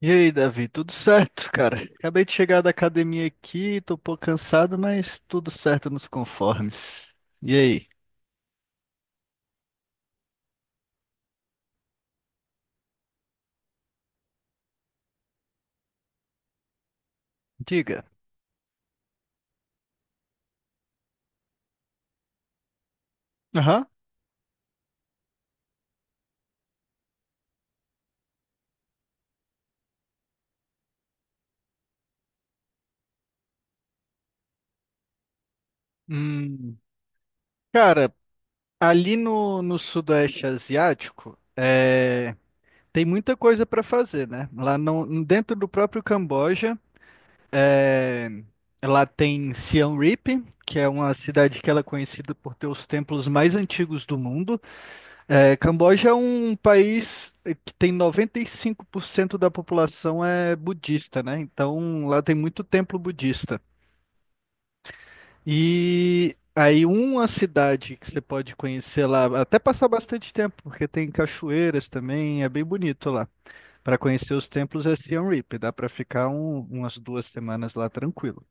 E aí, Davi, tudo certo, cara? Acabei de chegar da academia aqui, tô um pouco cansado, mas tudo certo nos conformes. E aí? Diga. Aham. Hum, Cara, ali no Sudeste Asiático, tem muita coisa para fazer, né? Lá no, dentro do próprio Camboja, é, lá tem Siem Reap, que é uma cidade que ela é conhecida por ter os templos mais antigos do mundo. É, Camboja é um país que tem 95% da população é budista, né? Então lá tem muito templo budista. E aí uma cidade que você pode conhecer lá, até passar bastante tempo, porque tem cachoeiras também, é bem bonito lá. Para conhecer os templos é Siem Reap, dá para ficar umas 2 semanas lá tranquilo.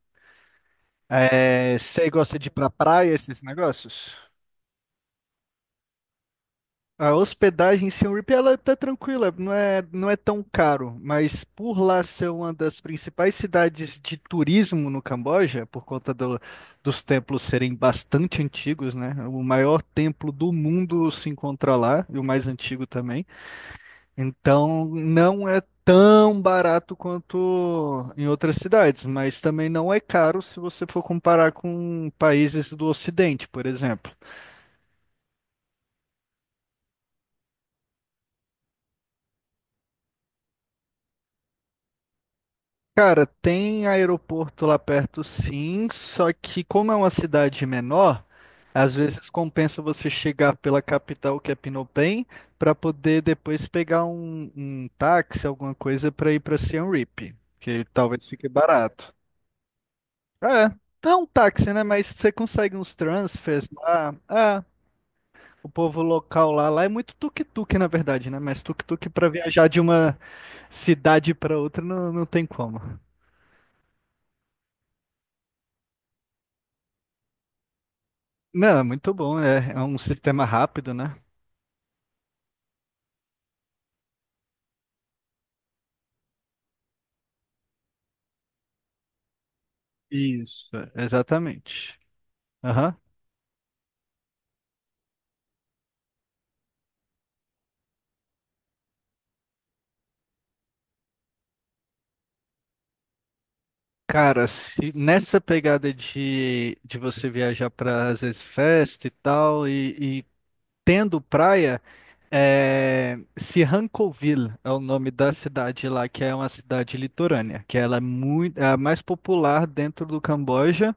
É, você gosta de ir pra praia, esses negócios? A hospedagem em Siem Reap, ela tá tranquila, não é tão caro, mas por lá ser uma das principais cidades de turismo no Camboja, por conta dos templos serem bastante antigos, né? O maior templo do mundo se encontra lá, e o mais antigo também. Então, não é tão barato quanto em outras cidades, mas também não é caro se você for comparar com países do Ocidente, por exemplo. Cara, tem aeroporto lá perto sim, só que como é uma cidade menor, às vezes compensa você chegar pela capital, que é Phnom para poder depois pegar um táxi, alguma coisa para ir para Siem Reap, que talvez fique barato. É, não um táxi, né? Mas você consegue uns transfers lá. Ah, o povo local lá é muito tuk-tuk, na verdade, né? Mas tuk-tuk para viajar de uma cidade para outra não tem como. Não, é muito bom, é um sistema rápido, né? Isso, é, exatamente. Aham. Cara, se nessa pegada de você viajar para às vezes festa e tal, e tendo praia, Sihanoukville é o nome da cidade lá, que é uma cidade litorânea, que ela é muito, é a mais popular dentro do Camboja,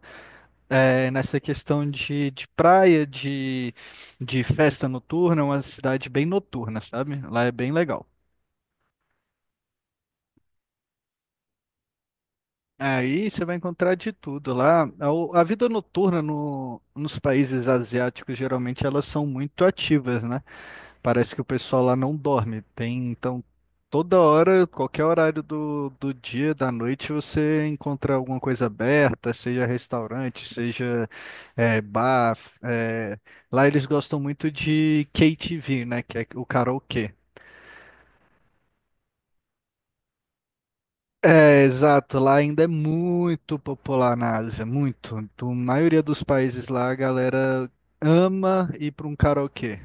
é, nessa questão de praia, de festa noturna, é uma cidade bem noturna, sabe? Lá é bem legal. Aí você vai encontrar de tudo lá. A vida noturna nos países asiáticos, geralmente, elas são muito ativas, né? Parece que o pessoal lá não dorme. Tem, então, toda hora, qualquer horário do dia, da noite, você encontra alguma coisa aberta, seja restaurante, seja bar. eh, Lá eles gostam muito de KTV, né? Que é o karaokê. É, exato, lá ainda é muito popular na Ásia, muito. Do maioria dos países lá, a galera ama ir para um karaokê.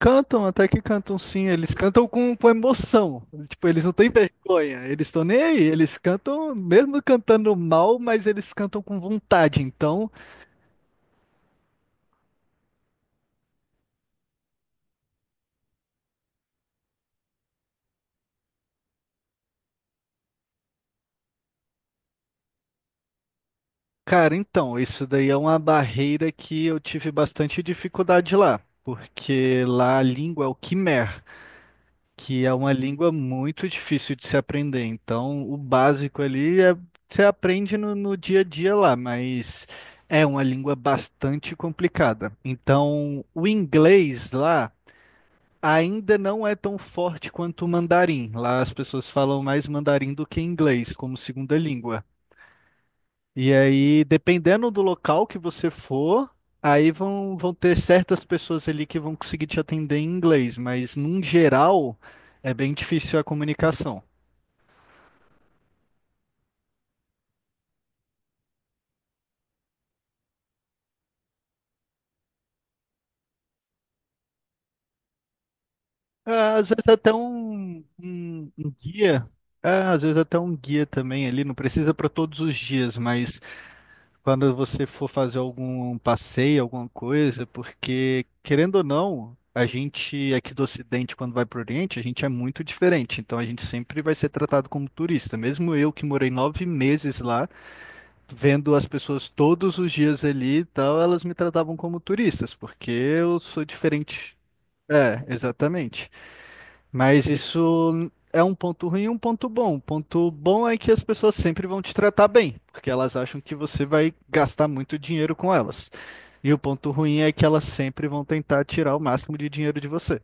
Cantam, até que cantam sim, eles cantam com emoção. Tipo, eles não têm vergonha, eles estão nem aí, eles cantam, mesmo cantando mal, mas eles cantam com vontade. Então, cara, então, isso daí é uma barreira que eu tive bastante dificuldade lá, porque lá a língua é o Khmer. Que é uma língua muito difícil de se aprender. Então, o básico ali é você aprende no dia a dia lá, mas é uma língua bastante complicada. Então, o inglês lá ainda não é tão forte quanto o mandarim. Lá as pessoas falam mais mandarim do que inglês como segunda língua. E aí, dependendo do local que você for, aí vão ter certas pessoas ali que vão conseguir te atender em inglês, mas num geral é bem difícil a comunicação. Às vezes até um guia, ah, às vezes até um guia também ali, não precisa para todos os dias, mas quando você for fazer algum passeio, alguma coisa, porque, querendo ou não, a gente aqui do Ocidente, quando vai para o Oriente, a gente é muito diferente. Então a gente sempre vai ser tratado como turista. Mesmo eu que morei 9 meses lá, vendo as pessoas todos os dias ali e tal, elas me tratavam como turistas, porque eu sou diferente. É, exatamente. Mas isso é um ponto ruim e um ponto bom. O ponto bom é que as pessoas sempre vão te tratar bem, porque elas acham que você vai gastar muito dinheiro com elas. E o ponto ruim é que elas sempre vão tentar tirar o máximo de dinheiro de você.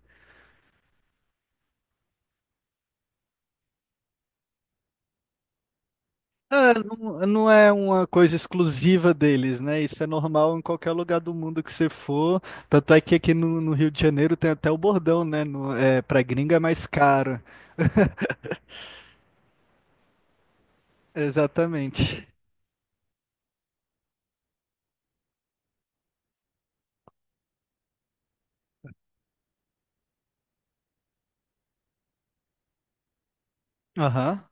É, não é uma coisa exclusiva deles, né? Isso é normal em qualquer lugar do mundo que você for. Tanto é que aqui no Rio de Janeiro tem até o bordão, né? No, é, pra gringa é mais caro. Exatamente. Aham.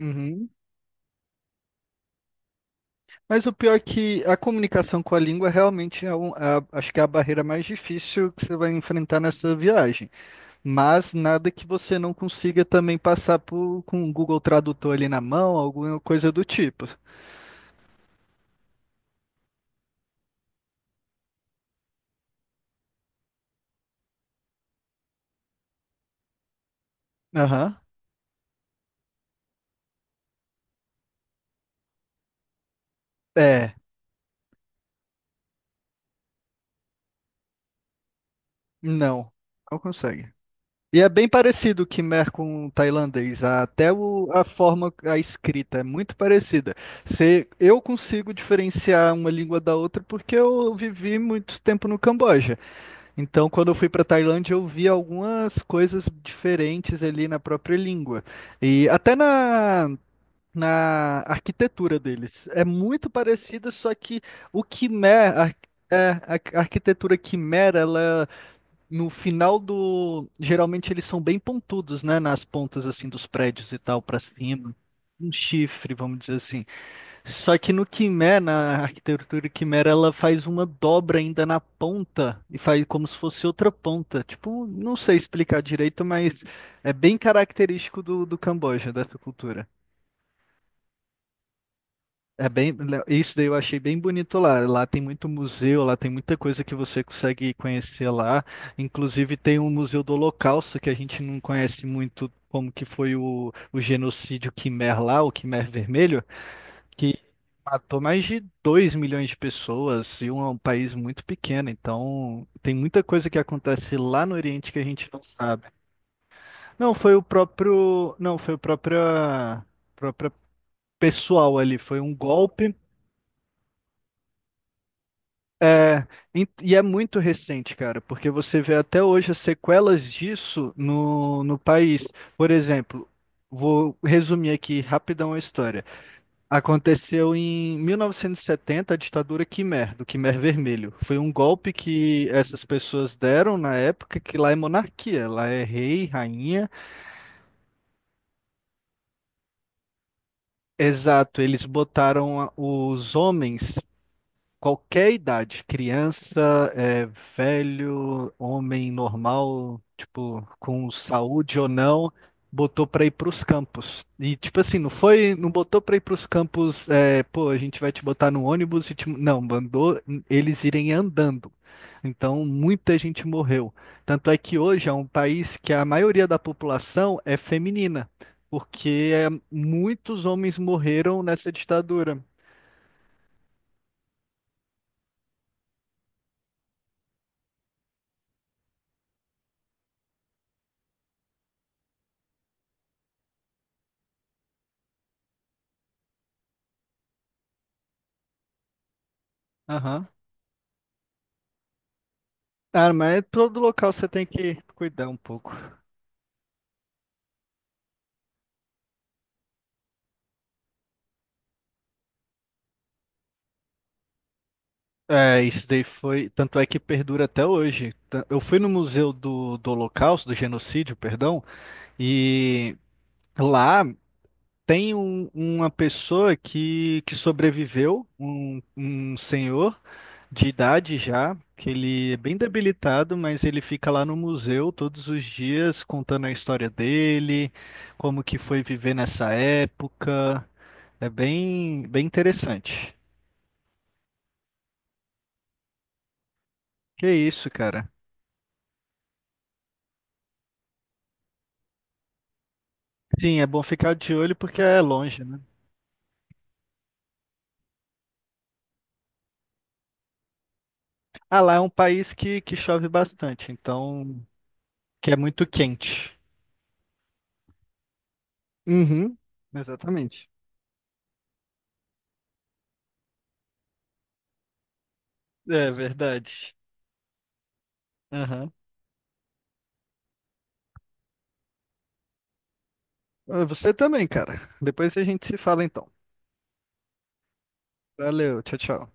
Uhum. Mas o pior é que a comunicação com a língua realmente é acho que é a barreira mais difícil que você vai enfrentar nessa viagem. Mas nada que você não consiga também passar por, com o Google Tradutor ali na mão, alguma coisa do tipo. Aham. É, não, não consegue. E é bem parecido o Khmer com o tailandês, até a forma, a escrita é muito parecida. Se eu consigo diferenciar uma língua da outra porque eu vivi muito tempo no Camboja. Então, quando eu fui para Tailândia, eu vi algumas coisas diferentes ali na própria língua. E até na arquitetura deles. É muito parecida, só que o Khmer, a arquitetura Khmer, ela no final do. Geralmente eles são bem pontudos, né? Nas pontas assim dos prédios e tal, para cima. Um chifre, vamos dizer assim. Só que no Quimera, na arquitetura Quimera, ela faz uma dobra ainda na ponta e faz como se fosse outra ponta. Tipo, não sei explicar direito, mas é bem característico do Camboja, dessa cultura. É bem, isso daí eu achei bem bonito lá. Lá tem muito museu, lá tem muita coisa que você consegue conhecer lá. Inclusive tem um museu do Holocausto que a gente não conhece muito como que foi o genocídio Quimer lá, o Quimer Vermelho. Que matou mais de 2 milhões de pessoas é um país muito pequeno, então tem muita coisa que acontece lá no Oriente que a gente não sabe. Não, foi o próprio própria pessoal ali, foi um golpe. É, e é muito recente, cara, porque você vê até hoje as sequelas disso no país. Por exemplo, vou resumir aqui rapidão a história. Aconteceu em 1970 a ditadura Khmer, do Khmer Vermelho. Foi um golpe que essas pessoas deram na época, que lá é monarquia, lá é rei, rainha. Exato, eles botaram os homens qualquer idade, criança, é, velho, homem normal, tipo, com saúde ou não, botou pra ir pros campos. E, tipo assim, não foi, não botou pra ir pros campos, é, pô, a gente vai te botar no ônibus e te... Não, mandou eles irem andando. Então, muita gente morreu. Tanto é que hoje é um país que a maioria da população é feminina, porque é, muitos homens morreram nessa ditadura. Aham. Ah, mas todo local você tem que cuidar um pouco. É, isso daí foi. Tanto é que perdura até hoje. Eu fui no Museu do Holocausto, do Genocídio, perdão, e lá tem uma pessoa que sobreviveu, um senhor de idade já, que ele é bem debilitado, mas ele fica lá no museu todos os dias contando a história dele, como que foi viver nessa época. É bem, bem interessante. Que isso, cara. Sim, é bom ficar de olho porque é longe, né? Ah, lá é um país que chove bastante, então, que é muito quente. Uhum, exatamente. É verdade. Aham. Ah, você também, cara. Depois a gente se fala então. Valeu, tchau, tchau.